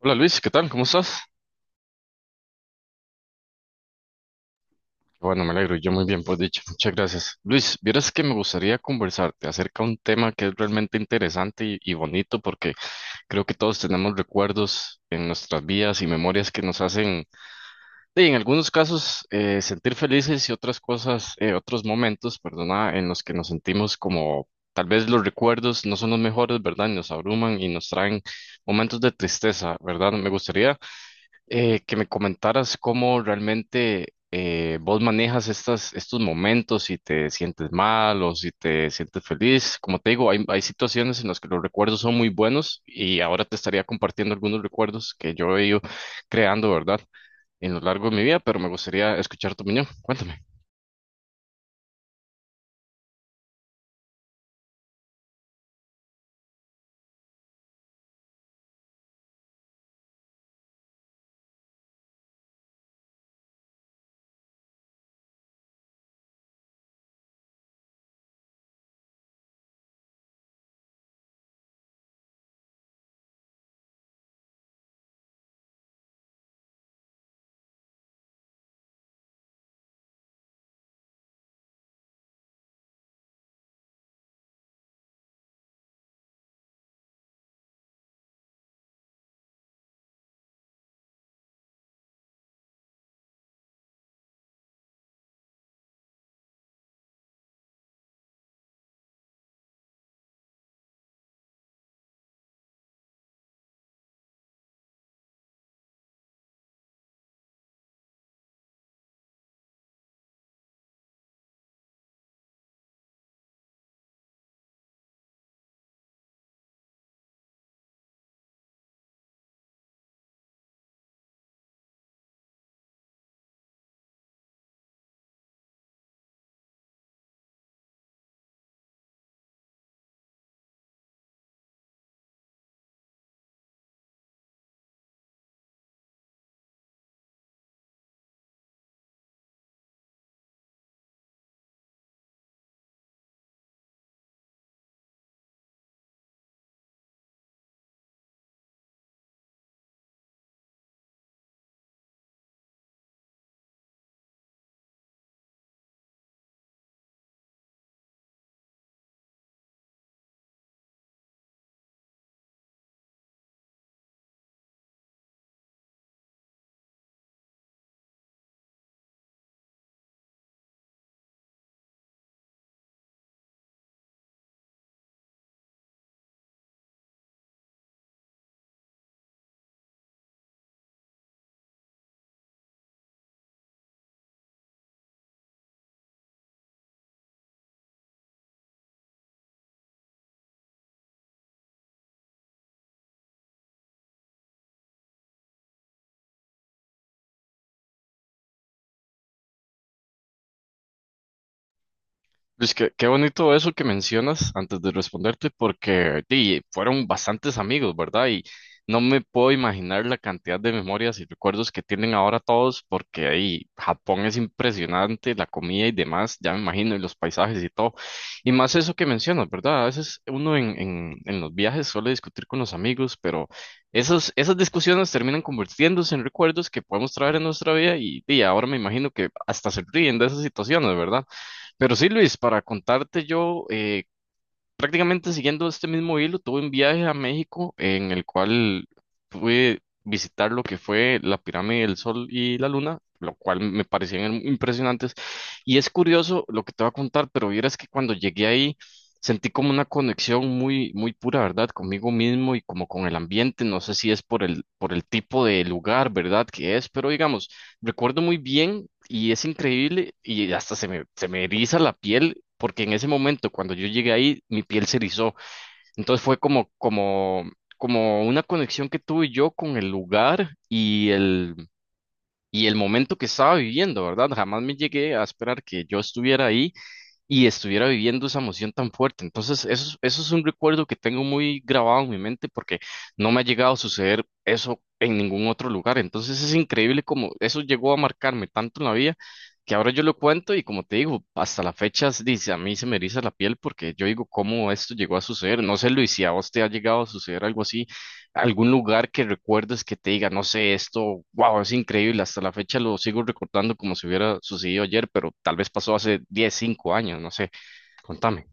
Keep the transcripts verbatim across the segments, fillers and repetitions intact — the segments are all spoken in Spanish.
Hola Luis, ¿qué tal? ¿Cómo estás? Bueno, me alegro, yo muy bien, pues dicho, muchas gracias. Luis, vieras que me gustaría conversarte acerca de un tema que es realmente interesante y, y bonito porque creo que todos tenemos recuerdos en nuestras vidas y memorias que nos hacen, de, en algunos casos, eh, sentir felices y otras cosas, eh, otros momentos, perdona, en los que nos sentimos como tal vez los recuerdos no son los mejores, ¿verdad? Y nos abruman y nos traen momentos de tristeza, ¿verdad? Me gustaría eh, que me comentaras cómo realmente eh, vos manejas estas, estos momentos, si te sientes mal o si te sientes feliz. Como te digo, hay, hay situaciones en las que los recuerdos son muy buenos y ahora te estaría compartiendo algunos recuerdos que yo he ido creando, ¿verdad? En lo largo de mi vida, pero me gustaría escuchar tu opinión. Cuéntame. Luis, qué, qué bonito eso que mencionas antes de responderte, porque di, fueron bastantes amigos, ¿verdad? Y no me puedo imaginar la cantidad de memorias y recuerdos que tienen ahora todos, porque ahí Japón es impresionante, la comida y demás, ya me imagino, y los paisajes y todo. Y más eso que mencionas, ¿verdad? A veces uno en, en, en los viajes suele discutir con los amigos, pero esos, esas discusiones terminan convirtiéndose en recuerdos que podemos traer en nuestra vida y, y ahora me imagino que hasta se ríen de esas situaciones, ¿verdad? Pero sí, Luis, para contarte yo, eh, prácticamente siguiendo este mismo hilo, tuve un viaje a México en el cual pude visitar lo que fue la pirámide del Sol y la Luna, lo cual me parecían impresionantes. Y es curioso lo que te voy a contar, pero vieras que cuando llegué ahí sentí como una conexión muy, muy pura, ¿verdad? Conmigo mismo y como con el ambiente. No sé si es por el, por el tipo de lugar, ¿verdad? Que es, pero digamos. Recuerdo muy bien y es increíble y hasta se me, se me eriza la piel porque en ese momento cuando yo llegué ahí mi piel se erizó. Entonces fue como, como, como una conexión que tuve yo con el lugar y el, y el momento que estaba viviendo, ¿verdad? Jamás me llegué a esperar que yo estuviera ahí y estuviera viviendo esa emoción tan fuerte. Entonces, eso, es- eso es un recuerdo que tengo muy grabado en mi mente porque no me ha llegado a suceder eso en ningún otro lugar. Entonces, es increíble cómo eso llegó a marcarme tanto en la vida que ahora yo lo cuento y como te digo, hasta la fecha, dice, a mí se me eriza la piel porque yo digo, ¿cómo esto llegó a suceder? No sé, Luis, si a vos te ha llegado a suceder algo así algún lugar que recuerdes que te diga, no sé, esto, wow, es increíble, hasta la fecha lo sigo recordando como si hubiera sucedido ayer, pero tal vez pasó hace diez cinco años, no sé, contame.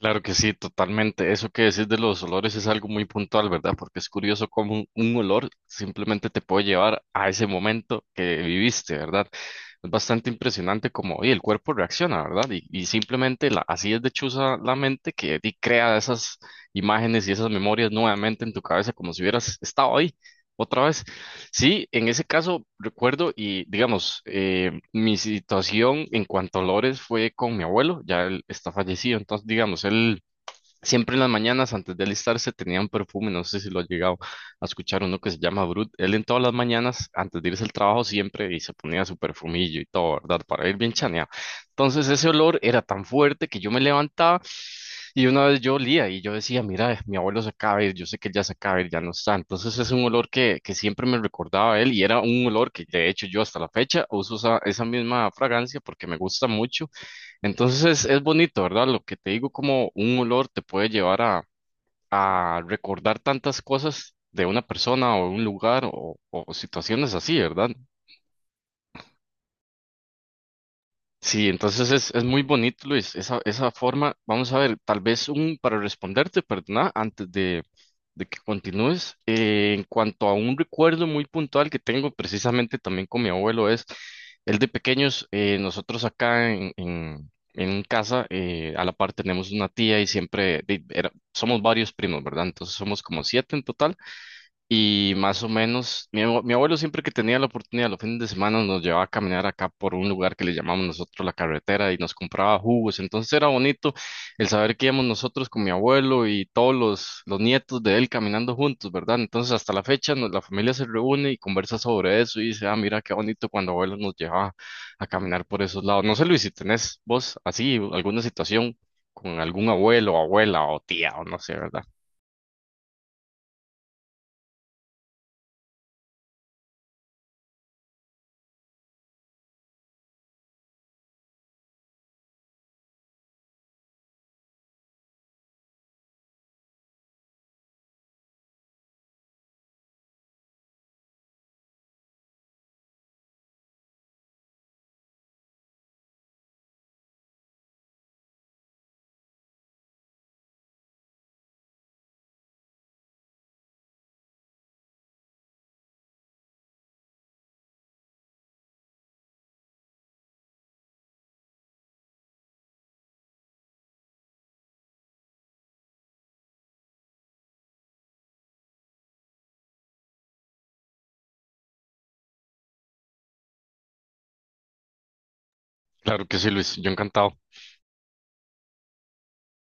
Claro que sí, totalmente. Eso que decís de los olores es algo muy puntual, ¿verdad? Porque es curioso cómo un, un olor simplemente te puede llevar a ese momento que viviste, ¿verdad? Es bastante impresionante cómo oye, el cuerpo reacciona, ¿verdad? Y, y simplemente la- así es de chuza la mente que di- crea esas imágenes y esas memorias nuevamente en tu cabeza como si hubieras estado ahí otra vez. Sí, en ese caso recuerdo y digamos, eh, mi situación en cuanto a olores fue con mi abuelo, ya él está fallecido, entonces digamos, él... Siempre en las mañanas, antes de alistarse, tenía un perfume, no sé si lo ha llegado a escuchar uno que se llama Brut. Él en todas las mañanas, antes de irse al trabajo, siempre y se ponía su perfumillo y todo, ¿verdad? Para ir bien chaneado. Entonces ese olor era tan fuerte que yo me levantaba y una vez yo olía y yo decía, mira, eh, mi abuelo se acaba de ir, yo sé que él ya se acaba de ir, ya no está. Entonces es un olor que, que siempre me recordaba a él y era un olor que de hecho yo hasta la fecha uso esa, esa misma fragancia porque me gusta mucho entonces es, es bonito, ¿verdad? Lo que te digo, como un olor te puede llevar a, a recordar tantas cosas de una persona o un lugar o, o situaciones así, ¿verdad? Sí, entonces es, es muy bonito, Luis, esa, esa forma. Vamos a ver, tal vez un, para responderte, perdona, antes de, de que continúes, eh, en cuanto a un recuerdo muy puntual que tengo precisamente también con mi abuelo es, el de pequeños, eh, nosotros acá en, en, en casa, eh, a la par tenemos una tía y siempre, de- era- somos varios primos, ¿verdad? Entonces somos como siete en total. Y más o menos, mi, abue- mi abuelo siempre que tenía la oportunidad los fines de semana nos llevaba a caminar acá por un lugar que le llamamos nosotros la carretera y nos compraba jugos. Entonces era bonito el saber que íbamos nosotros con mi abuelo y todos los, los nietos de él caminando juntos, ¿verdad? Entonces hasta la fecha nos- la familia se reúne y conversa sobre eso y dice, ah, mira qué bonito cuando abuelo nos llevaba a caminar por esos lados. No sé, Luis, si tenés vos así alguna situación con algún abuelo, abuela o tía o no sé, ¿verdad? Claro que sí, Luis, yo encantado.